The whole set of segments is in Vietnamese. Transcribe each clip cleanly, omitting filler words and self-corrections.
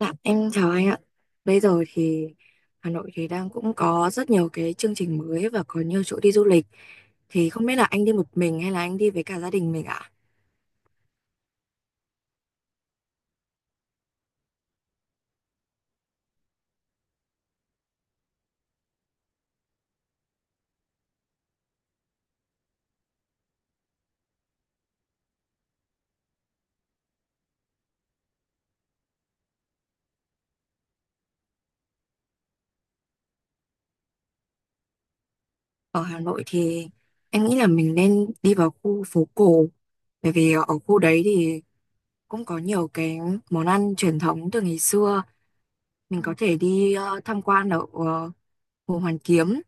Dạ, em chào anh ạ. Bây giờ thì Hà Nội thì đang cũng có rất nhiều cái chương trình mới và có nhiều chỗ đi du lịch. Thì không biết là anh đi một mình hay là anh đi với cả gia đình mình ạ. Ở Hà Nội thì em nghĩ là mình nên đi vào khu phố cổ. Bởi vì ở khu đấy thì cũng có nhiều cái món ăn truyền thống từ ngày xưa. Mình có thể đi tham quan ở Hồ Hoàn Kiếm.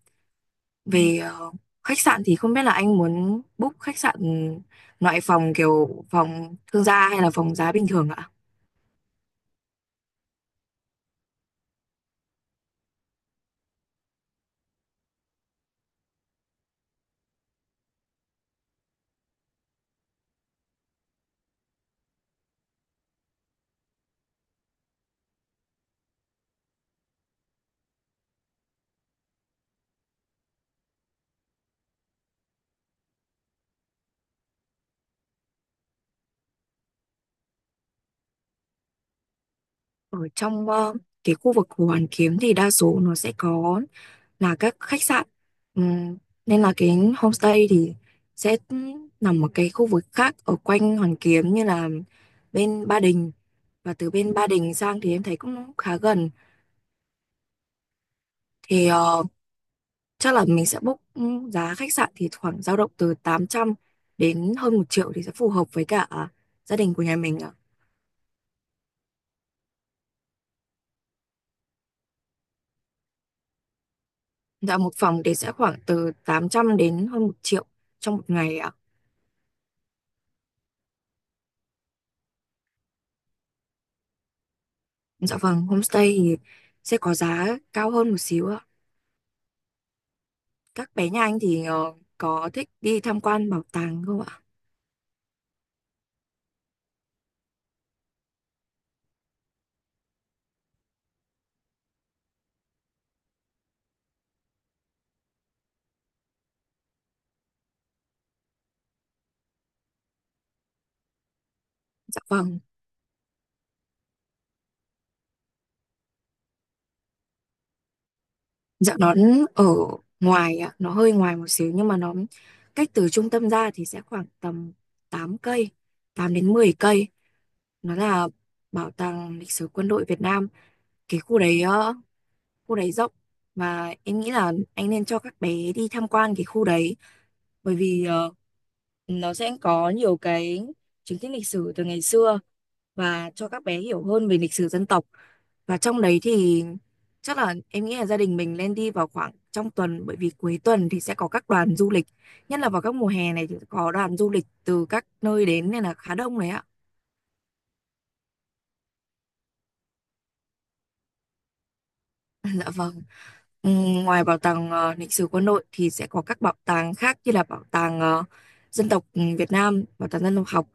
Về khách sạn thì không biết là anh muốn book khách sạn loại phòng kiểu phòng thương gia hay là phòng giá bình thường ạ? Ở trong cái khu vực Hồ Hoàn Kiếm thì đa số nó sẽ có là các khách sạn. Ừm, Nên là cái homestay thì sẽ nằm ở cái khu vực khác ở quanh Hoàn Kiếm như là bên Ba Đình, và từ bên Ba Đình sang thì em thấy cũng khá gần. Thì chắc là mình sẽ book, giá khách sạn thì khoảng dao động từ 800 đến hơn 1 triệu thì sẽ phù hợp với cả gia đình của nhà mình ạ. Dạ một phòng thì sẽ khoảng từ 800 đến hơn một triệu trong một ngày ạ. Dạ vâng, homestay thì sẽ có giá cao hơn một xíu ạ. Các bé nhà anh thì có thích đi tham quan bảo tàng không ạ? Dạ vâng. Dạ nó ở ngoài ạ, nó hơi ngoài một xíu nhưng mà nó cách từ trung tâm ra thì sẽ khoảng tầm 8 cây, 8 đến 10 cây. Nó là bảo tàng lịch sử quân đội Việt Nam. Cái khu đấy khu đấy rộng và em nghĩ là anh nên cho các bé đi tham quan cái khu đấy, bởi vì nó sẽ có nhiều cái chứng tích lịch sử từ ngày xưa và cho các bé hiểu hơn về lịch sử dân tộc. Và trong đấy thì chắc là em nghĩ là gia đình mình nên đi vào khoảng trong tuần, bởi vì cuối tuần thì sẽ có các đoàn du lịch, nhất là vào các mùa hè này thì có đoàn du lịch từ các nơi đến nên là khá đông đấy ạ. Dạ vâng. Ừ, Ngoài bảo tàng lịch sử quân đội thì sẽ có các bảo tàng khác như là bảo tàng dân tộc Việt Nam, bảo tàng dân tộc học,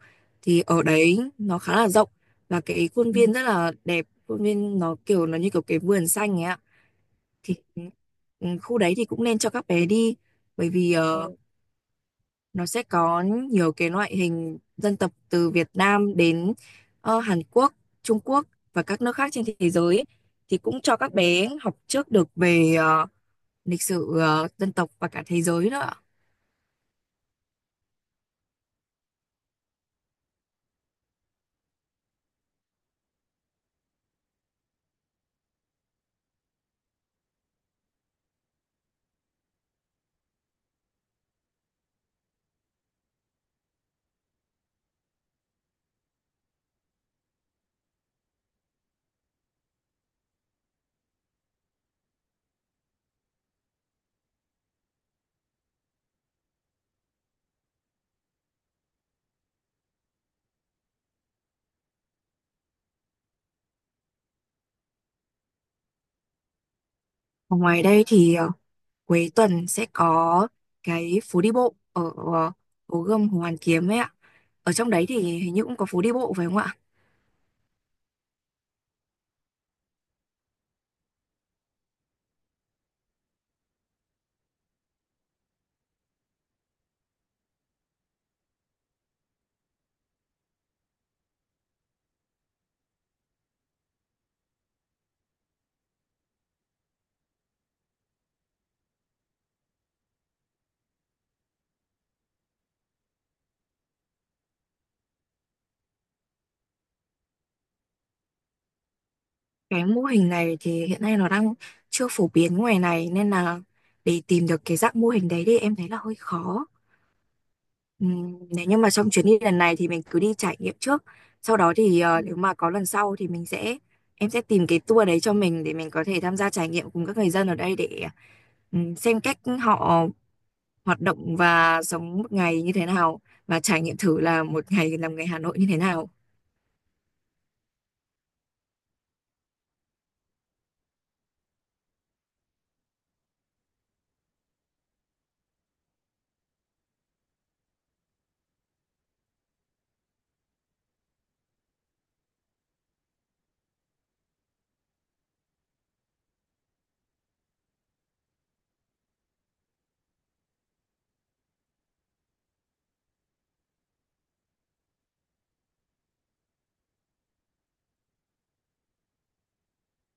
thì ở đấy nó khá là rộng và cái khuôn viên rất là đẹp, khuôn viên nó kiểu nó như kiểu cái vườn xanh ấy ạ. Thì khu đấy thì cũng nên cho các bé đi, bởi vì nó sẽ có nhiều cái loại hình dân tộc từ Việt Nam đến Hàn Quốc, Trung Quốc và các nước khác trên thế giới ấy. Thì cũng cho các bé học trước được về lịch sử dân tộc và cả thế giới nữa. Ở ngoài đây thì cuối tuần sẽ có cái phố đi bộ ở Hồ Gươm, Hồ Hoàn Kiếm ấy ạ. Ở trong đấy thì hình như cũng có phố đi bộ phải không ạ? Cái mô hình này thì hiện nay nó đang chưa phổ biến ngoài này, nên là để tìm được cái dạng mô hình đấy thì em thấy là hơi khó. Nếu như mà trong chuyến đi lần này thì mình cứ đi trải nghiệm trước. Sau đó thì nếu mà có lần sau thì mình sẽ em sẽ tìm cái tour đấy cho mình, để mình có thể tham gia trải nghiệm cùng các người dân ở đây để xem cách họ hoạt động và sống một ngày như thế nào, và trải nghiệm thử là một ngày làm người Hà Nội như thế nào.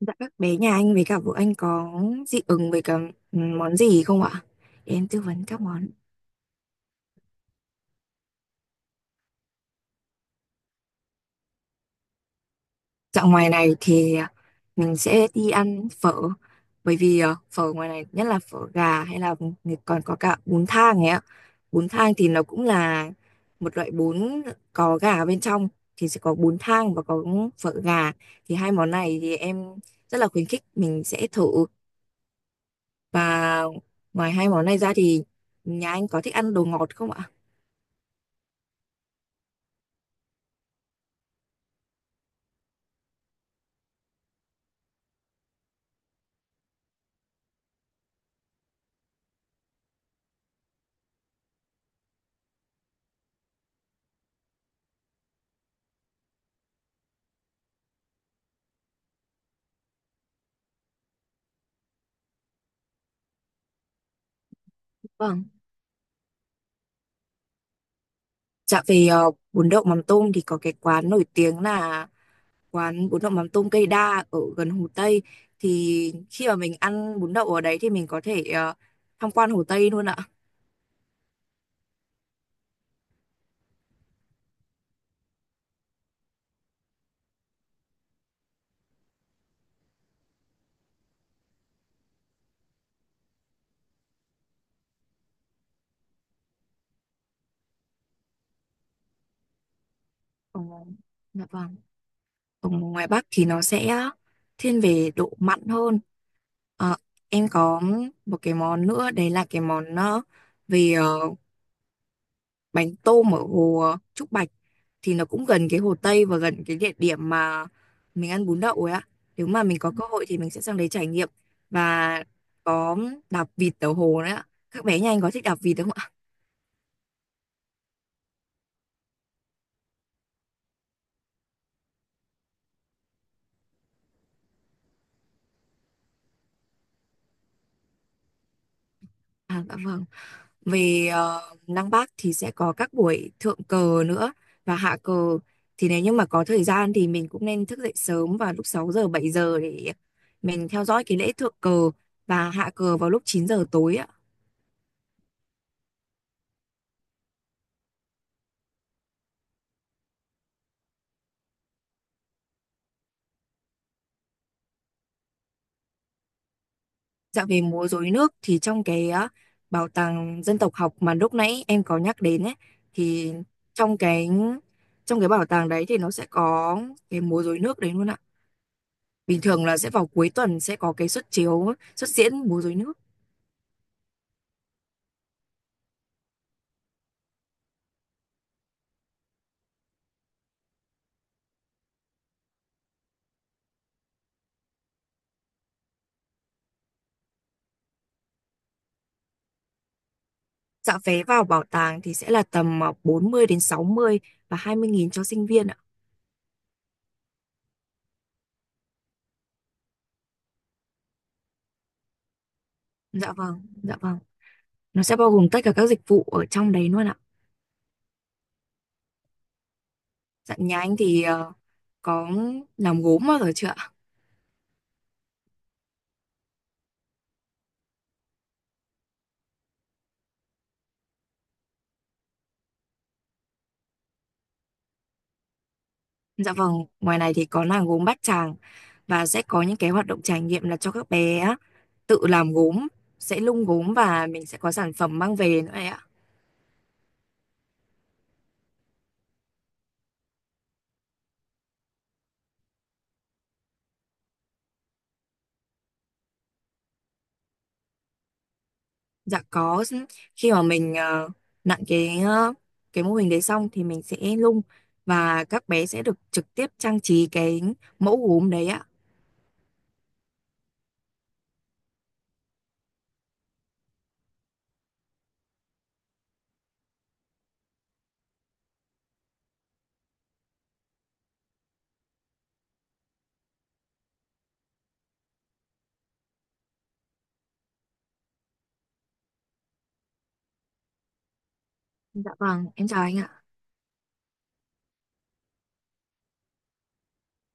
Dạ các bé nhà anh với cả vợ anh có dị ứng với cả món gì không ạ? Để em tư vấn các món. Dạo ngoài này thì mình sẽ đi ăn phở, bởi vì phở ngoài này nhất là phở gà, hay là còn có cả bún thang ấy ạ. Bún thang thì nó cũng là một loại bún có gà ở bên trong, thì sẽ có bún thang và có phở gà. Thì hai món này thì em rất là khuyến khích mình sẽ thử, và ngoài hai món này ra thì nhà anh có thích ăn đồ ngọt không ạ? Vâng. Dạ về bún đậu mắm tôm thì có cái quán nổi tiếng là quán bún đậu mắm tôm cây đa ở gần Hồ Tây, thì khi mà mình ăn bún đậu ở đấy thì mình có thể tham quan Hồ Tây luôn ạ. Ờ, dạ vâng. Ở ngoài Bắc thì nó sẽ thiên về độ mặn hơn. Ờ, em có một cái món nữa đấy là cái món về bánh tôm ở hồ Trúc Bạch, thì nó cũng gần cái Hồ Tây và gần cái địa điểm mà mình ăn bún đậu ấy ạ. Nếu mà mình có cơ hội thì mình sẽ sang đấy trải nghiệm và có đạp vịt ở hồ đấy ạ. Các bé nhà anh có thích đạp vịt không ạ? À, dạ vâng. Về Lăng Bác thì sẽ có các buổi thượng cờ nữa và hạ cờ. Thì nếu như mà có thời gian thì mình cũng nên thức dậy sớm vào lúc 6 giờ 7 giờ để mình theo dõi cái lễ thượng cờ, và hạ cờ vào lúc 9 giờ tối ạ. Dạo về múa rối nước thì trong cái bảo tàng dân tộc học mà lúc nãy em có nhắc đến ấy, thì trong cái trong cái bảo tàng đấy thì nó sẽ có cái múa rối nước đấy luôn ạ. Bình thường là sẽ vào cuối tuần sẽ có cái suất diễn múa rối nước. Dạ vé vào bảo tàng thì sẽ là tầm 40 đến 60 và 20.000 cho sinh viên ạ. Dạ vâng, dạ vâng. Nó sẽ bao gồm tất cả các dịch vụ ở trong đấy luôn ạ. Dạ nhà anh thì có làm gốm bao giờ chưa ạ? Dạ vâng, ngoài này thì có làng gốm Bát Tràng, và sẽ có những cái hoạt động trải nghiệm là cho các bé á, tự làm gốm, sẽ nung gốm và mình sẽ có sản phẩm mang về nữa đấy ạ. Dạ có, khi mà mình nặn cái mô hình đấy xong thì mình sẽ nung, và các bé sẽ được trực tiếp trang trí cái mẫu gốm đấy ạ. Dạ vâng, em chào anh ạ.